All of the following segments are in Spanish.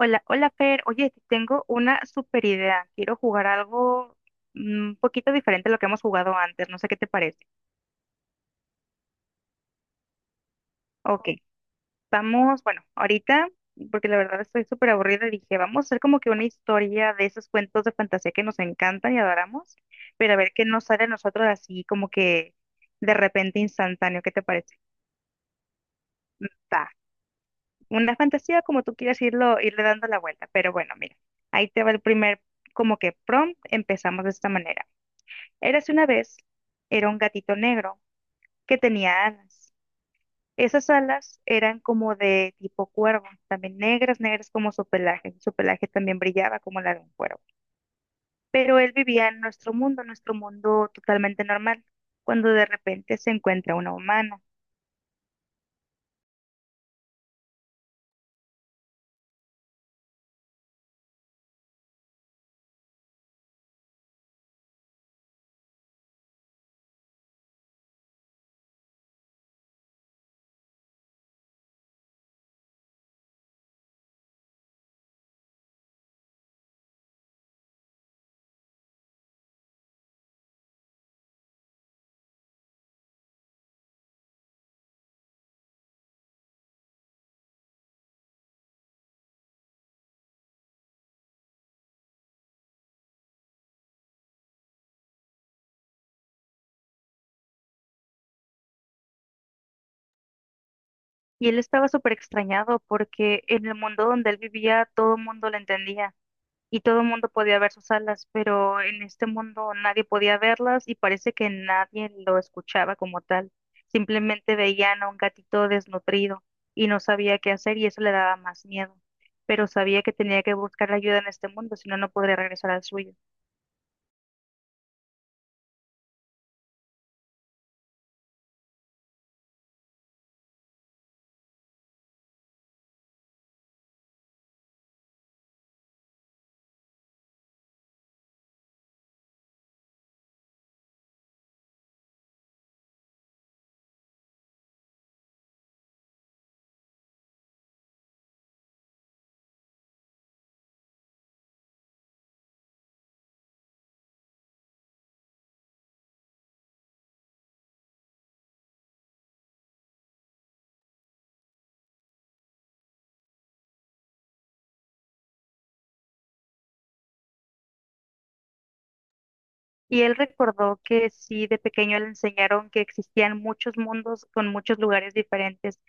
Hola, hola Fer. Oye, te tengo una super idea. Quiero jugar algo un poquito diferente a lo que hemos jugado antes. No sé qué te parece. Ok, vamos, bueno, ahorita, porque la verdad estoy súper aburrida, dije, vamos a hacer como que una historia de esos cuentos de fantasía que nos encantan y adoramos, pero a ver qué nos sale a nosotros así como que de repente instantáneo. ¿Qué te parece? Va, una fantasía como tú quieras irlo, irle dando la vuelta, pero bueno, mira, ahí te va el primer como que prompt. Empezamos de esta manera. Érase una vez, era un gatito negro que tenía alas. Esas alas eran como de tipo cuervo, también negras, negras como su pelaje. Su pelaje también brillaba como la de un cuervo. Pero él vivía en nuestro mundo totalmente normal, cuando de repente se encuentra una humana. Y él estaba súper extrañado porque en el mundo donde él vivía todo el mundo lo entendía, y todo el mundo podía ver sus alas, pero en este mundo nadie podía verlas y parece que nadie lo escuchaba como tal. Simplemente veían a un gatito desnutrido y no sabía qué hacer y eso le daba más miedo. Pero sabía que tenía que buscar ayuda en este mundo, si no, no podría regresar al suyo. Y él recordó que sí, de pequeño le enseñaron que existían muchos mundos con muchos lugares diferentes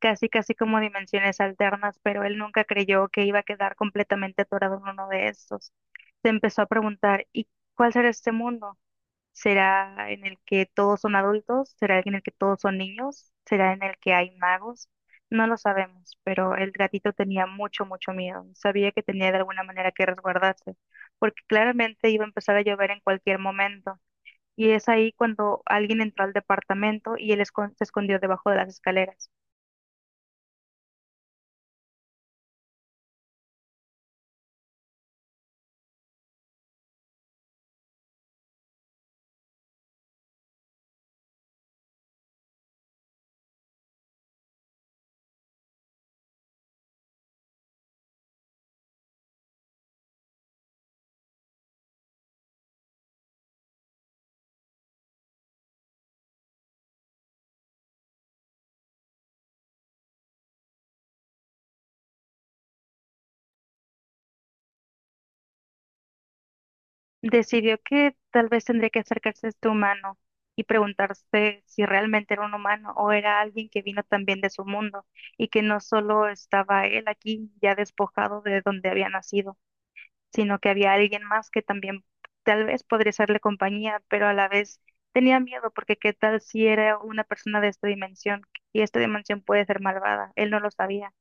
casi casi como dimensiones alternas, pero él nunca creyó que iba a quedar completamente atorado en uno de estos. Se empezó a preguntar, ¿y cuál será este mundo? ¿Será en el que todos son adultos? ¿Será en el que todos son niños? ¿Será en el que hay magos? No lo sabemos, pero el gatito tenía mucho, mucho miedo. Sabía que tenía de alguna manera que resguardarse, porque claramente iba a empezar a llover en cualquier momento. Y es ahí cuando alguien entró al departamento y se escondió debajo de las escaleras. Decidió que tal vez tendría que acercarse a este humano y preguntarse si realmente era un humano o era alguien que vino también de su mundo y que no solo estaba él aquí ya despojado de donde había nacido, sino que había alguien más que también tal vez podría serle compañía, pero a la vez tenía miedo porque qué tal si era una persona de esta dimensión y esta dimensión puede ser malvada, él no lo sabía.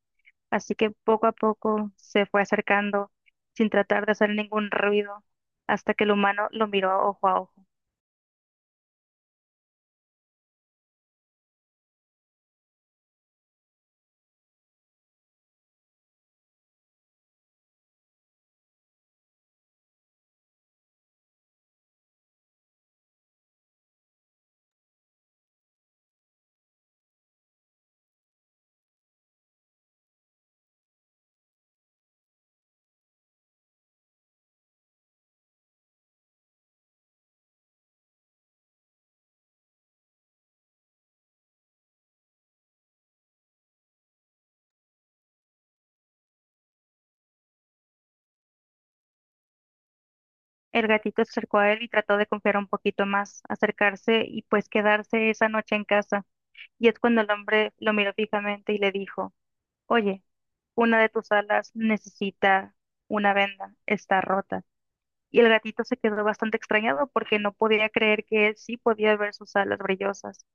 Así que poco a poco se fue acercando sin tratar de hacer ningún ruido hasta que el humano lo miró ojo a ojo. El gatito se acercó a él y trató de confiar un poquito más, acercarse y pues quedarse esa noche en casa. Y es cuando el hombre lo miró fijamente y le dijo, oye, una de tus alas necesita una venda, está rota. Y el gatito se quedó bastante extrañado porque no podía creer que él sí podía ver sus alas brillosas.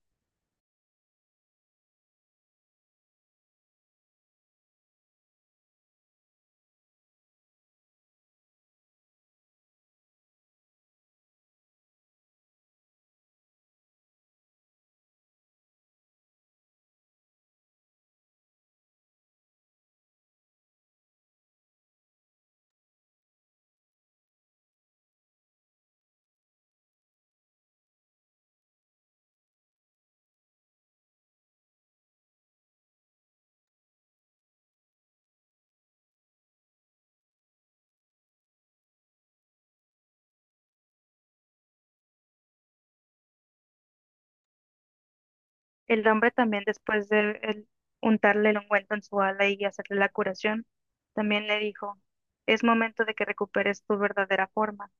El hombre también, después de untarle el ungüento en su ala y hacerle la curación, también le dijo, es momento de que recuperes tu verdadera forma.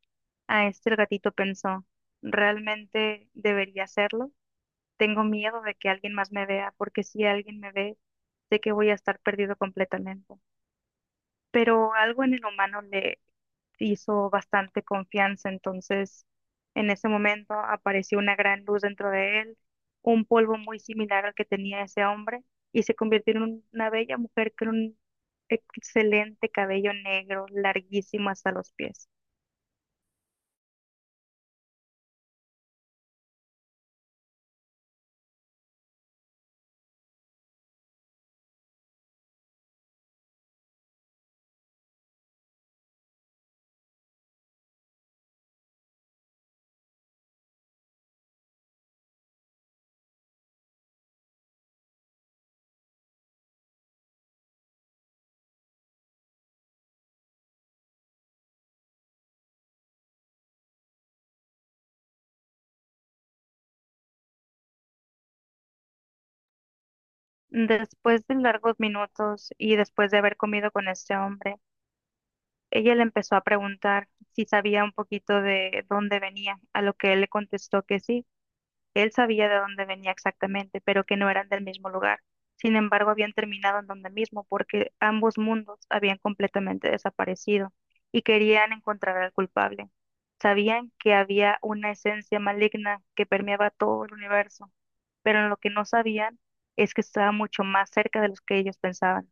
A este el gatito pensó, ¿realmente debería hacerlo? Tengo miedo de que alguien más me vea, porque si alguien me ve, sé que voy a estar perdido completamente. Pero algo en el humano le hizo bastante confianza. Entonces, en ese momento apareció una gran luz dentro de él, un polvo muy similar al que tenía ese hombre, y se convirtió en una bella mujer con un excelente cabello negro, larguísimo hasta los pies. Después de largos minutos y después de haber comido con este hombre, ella le empezó a preguntar si sabía un poquito de dónde venía, a lo que él le contestó que sí. Él sabía de dónde venía exactamente, pero que no eran del mismo lugar. Sin embargo, habían terminado en donde mismo porque ambos mundos habían completamente desaparecido y querían encontrar al culpable. Sabían que había una esencia maligna que permeaba todo el universo, pero lo que no sabían es que estaba mucho más cerca de lo que ellos pensaban.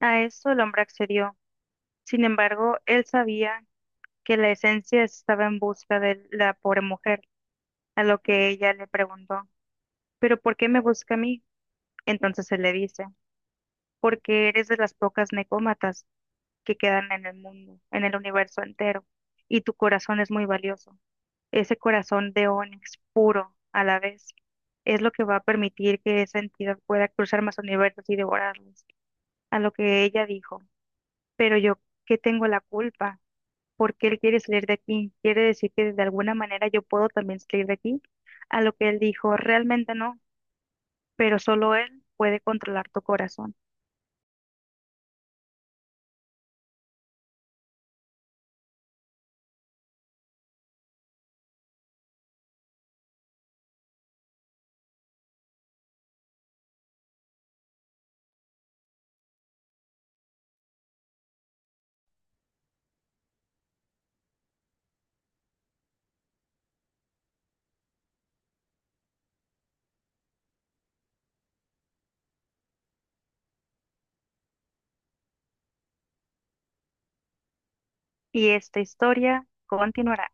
A eso el hombre accedió. Sin embargo, él sabía que la esencia estaba en busca de la pobre mujer, a lo que ella le preguntó. Pero ¿por qué me busca a mí? Entonces él le dice, porque eres de las pocas necómatas que quedan en el mundo, en el universo entero, y tu corazón es muy valioso. Ese corazón de ónix puro a la vez es lo que va a permitir que esa entidad pueda cruzar más universos y devorarlos, a lo que ella dijo. Pero yo, ¿qué tengo la culpa? ¿Por qué él quiere salir de aquí? ¿Quiere decir que de alguna manera yo puedo también salir de aquí? A lo que él dijo, realmente no, pero solo él puede controlar tu corazón. Y esta historia continuará.